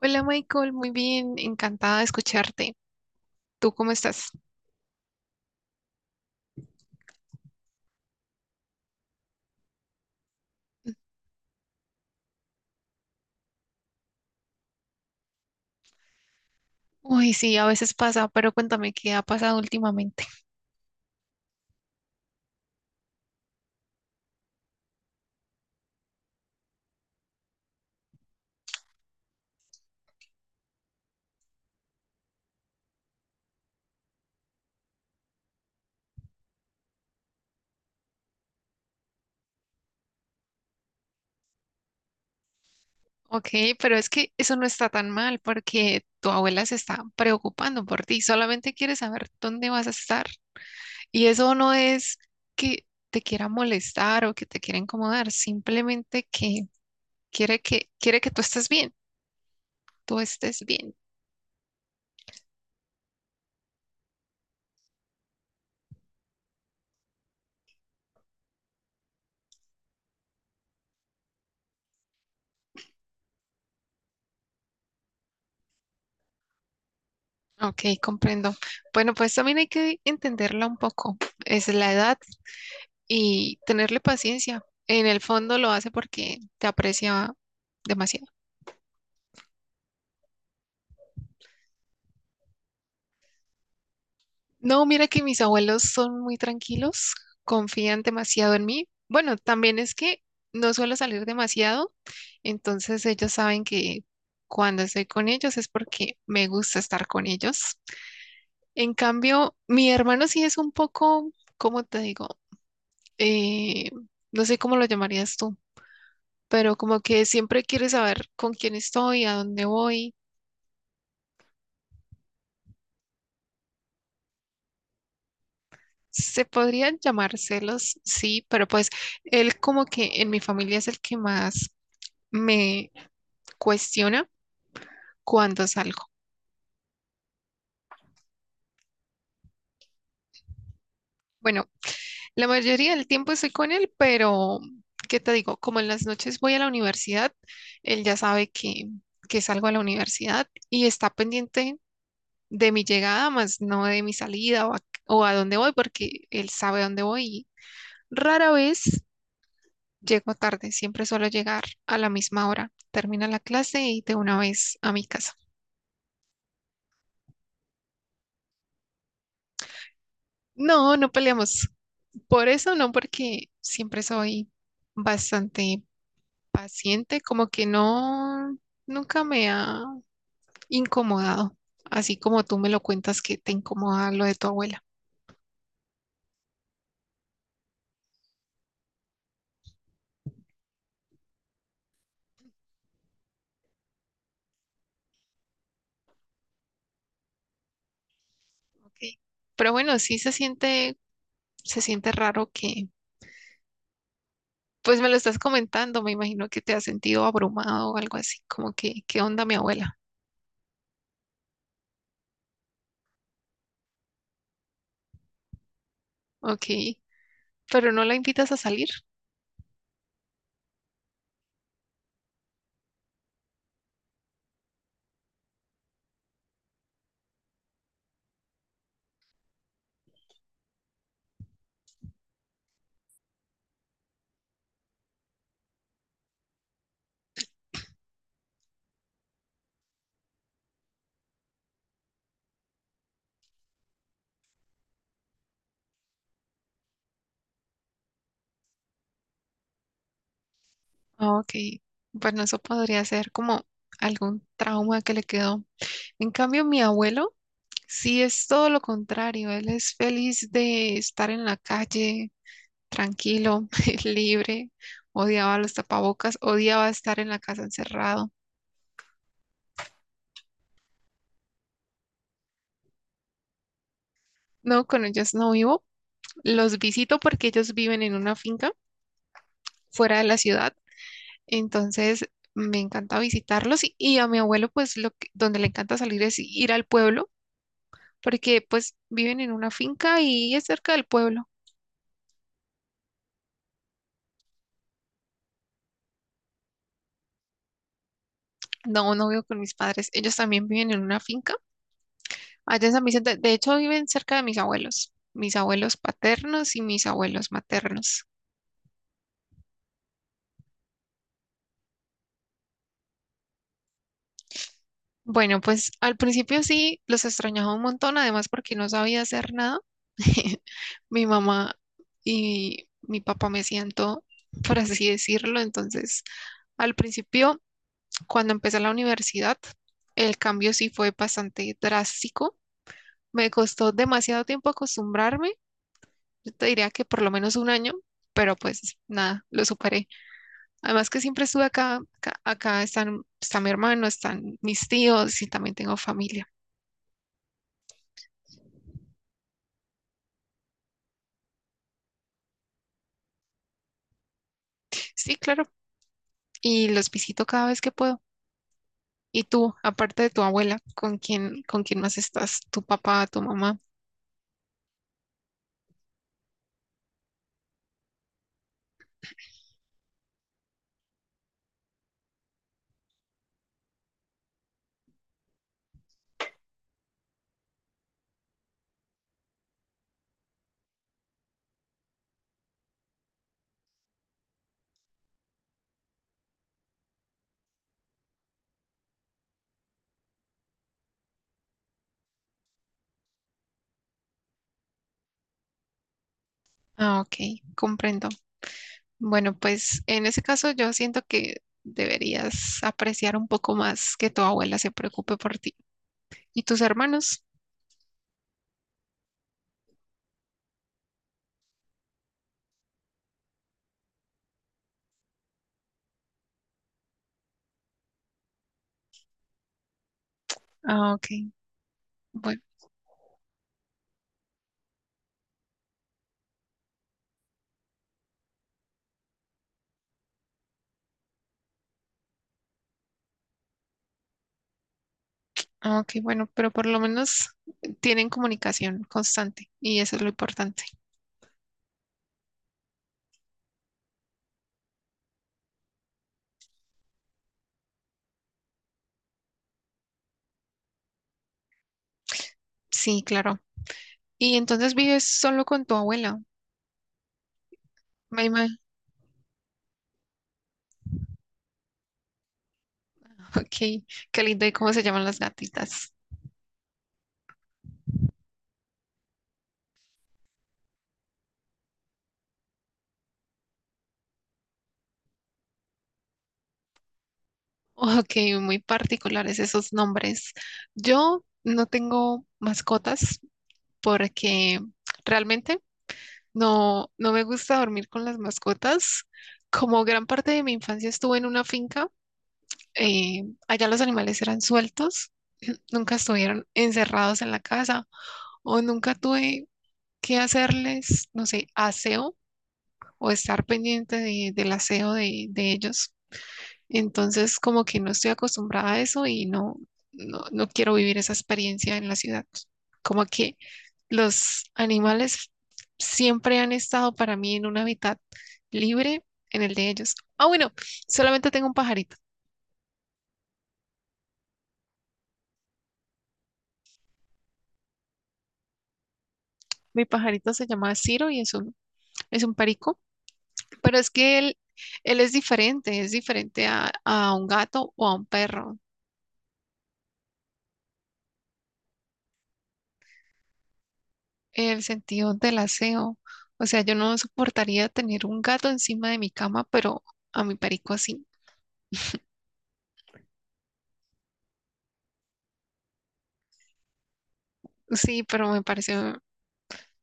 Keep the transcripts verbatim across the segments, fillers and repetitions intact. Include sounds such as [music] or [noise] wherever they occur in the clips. Hola Michael, muy bien, encantada de escucharte. ¿Tú cómo estás? Uy, sí, a veces pasa, pero cuéntame qué ha pasado últimamente. Ok, pero es que eso no está tan mal porque tu abuela se está preocupando por ti, solamente quiere saber dónde vas a estar. Y eso no es que te quiera molestar o que te quiera incomodar, simplemente que quiere que, quiere que tú estés bien, tú estés bien. Ok, comprendo. Bueno, pues también hay que entenderla un poco. Es la edad y tenerle paciencia. En el fondo lo hace porque te aprecia demasiado. No, mira que mis abuelos son muy tranquilos, confían demasiado en mí. Bueno, también es que no suelo salir demasiado, entonces ellos saben que cuando estoy con ellos es porque me gusta estar con ellos. En cambio, mi hermano sí es un poco, ¿cómo te digo? Eh, no sé cómo lo llamarías tú, pero como que siempre quiere saber con quién estoy, a dónde voy. Se podrían llamar celos, sí, pero pues él como que en mi familia es el que más me cuestiona cuando salgo. Bueno, la mayoría del tiempo estoy con él, pero ¿qué te digo? Como en las noches voy a la universidad, él ya sabe que, que salgo a la universidad y está pendiente de mi llegada, más no de mi salida o a, o a dónde voy, porque él sabe dónde voy. y Rara vez llego tarde, siempre suelo llegar a la misma hora. Termina la clase y de una vez a mi casa. No, no peleamos. Por eso no, porque siempre soy bastante paciente, como que no, nunca me ha incomodado, así como tú me lo cuentas que te incomoda lo de tu abuela. Ok. Pero bueno, sí se siente, se siente raro que, pues me lo estás comentando, me imagino que te has sentido abrumado o algo así, como que, ¿qué onda mi abuela? Ok. Pero no la invitas a salir. Ah, ok, bueno, eso podría ser como algún trauma que le quedó. En cambio, mi abuelo sí es todo lo contrario. Él es feliz de estar en la calle, tranquilo, [laughs] libre. Odiaba los tapabocas, odiaba estar en la casa encerrado. No, con ellos no vivo. Los visito porque ellos viven en una finca fuera de la ciudad. Entonces, me encanta visitarlos y, y a mi abuelo, pues, lo que- donde le encanta salir es ir al pueblo porque pues viven en una finca y es cerca del pueblo. No, no vivo con mis padres. Ellos también viven en una finca allá en San Vicente. De hecho, viven cerca de mis abuelos, mis abuelos paternos y mis abuelos maternos. Bueno, pues al principio sí los extrañaba un montón, además porque no sabía hacer nada. [laughs] Mi mamá y mi papá me hacían todo por así decirlo. Entonces, al principio, cuando empecé la universidad, el cambio sí fue bastante drástico. Me costó demasiado tiempo acostumbrarme, yo te diría que por lo menos un año, pero pues nada, lo superé. Además que siempre estuve acá, acá, acá están, está mi hermano, están mis tíos y también tengo familia. Sí, claro, y los visito cada vez que puedo. ¿Y tú, aparte de tu abuela, con quién, con quién más estás? ¿Tu papá, tu mamá? Ah, ok, comprendo. Bueno, pues en ese caso yo siento que deberías apreciar un poco más que tu abuela se preocupe por ti. ¿Y tus hermanos? Ah, ok. Bueno, ah, ok, bueno, pero por lo menos tienen comunicación constante y eso es lo importante. Sí, claro. Y entonces vives solo con tu abuela. Ay, ma- [laughs] Ok, qué lindo. ¿Y cómo se llaman las gatitas? [laughs] Ok, muy particulares esos nombres. Yo no tengo mascotas porque realmente no, no me gusta dormir con las mascotas. Como gran parte de mi infancia estuve en una finca, eh, allá los animales eran sueltos, [clears throat] nunca estuvieron encerrados en la casa o nunca tuve que hacerles, no sé, aseo o estar pendiente de- del aseo de, de ellos. Entonces, como que no estoy acostumbrada a eso y no, no, no quiero vivir esa experiencia en la ciudad. Como que los animales siempre han estado para mí en un hábitat libre, en el de ellos. Ah, bueno, solamente tengo un pajarito. Mi pajarito se llama Ciro y es un es un perico, pero es que él, él es diferente, es diferente a, a un gato o a un perro, el sentido del aseo. O sea, yo no soportaría tener un gato encima de mi cama, pero a mi perico sí. Sí, pero me pareció,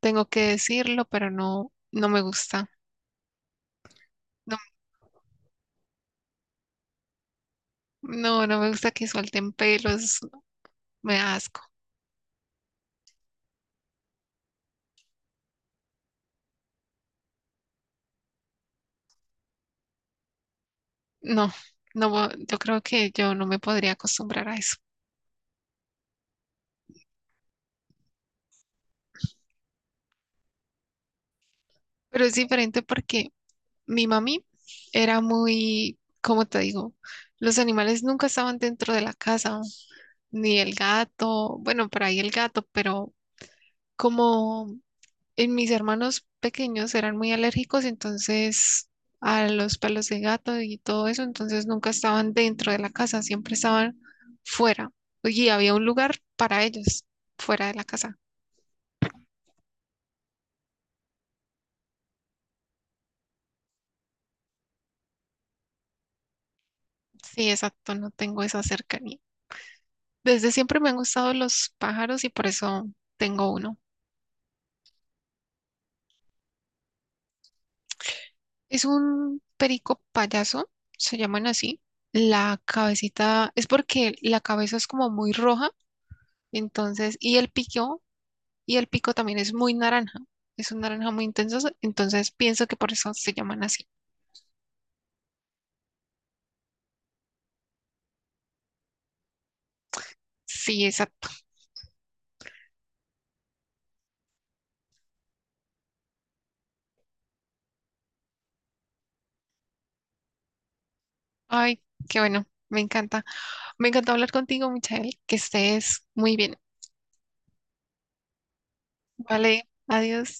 tengo que decirlo, pero no, no me gusta. No, no, no me gusta que suelten pelos, me da asco. No, no, yo creo que yo no me podría acostumbrar a eso. Pero es diferente porque mi mami era muy, ¿cómo te digo? Los animales nunca estaban dentro de la casa, ni el gato, bueno, por ahí el gato, pero como en mis hermanos pequeños eran muy alérgicos, entonces a los pelos de gato y todo eso, entonces nunca estaban dentro de la casa, siempre estaban fuera. Y había un lugar para ellos, fuera de la casa. Sí, exacto, no tengo esa cercanía. Desde siempre me han gustado los pájaros y por eso tengo uno. Es un perico payaso, se llaman así. La cabecita es porque la cabeza es como muy roja, entonces, y el pico, y el pico también es muy naranja, es un naranja muy intenso, entonces pienso que por eso se llaman así. Sí, exacto. Ay, qué bueno, me encanta. Me encantó hablar contigo, Michael, que estés muy bien. Vale, adiós.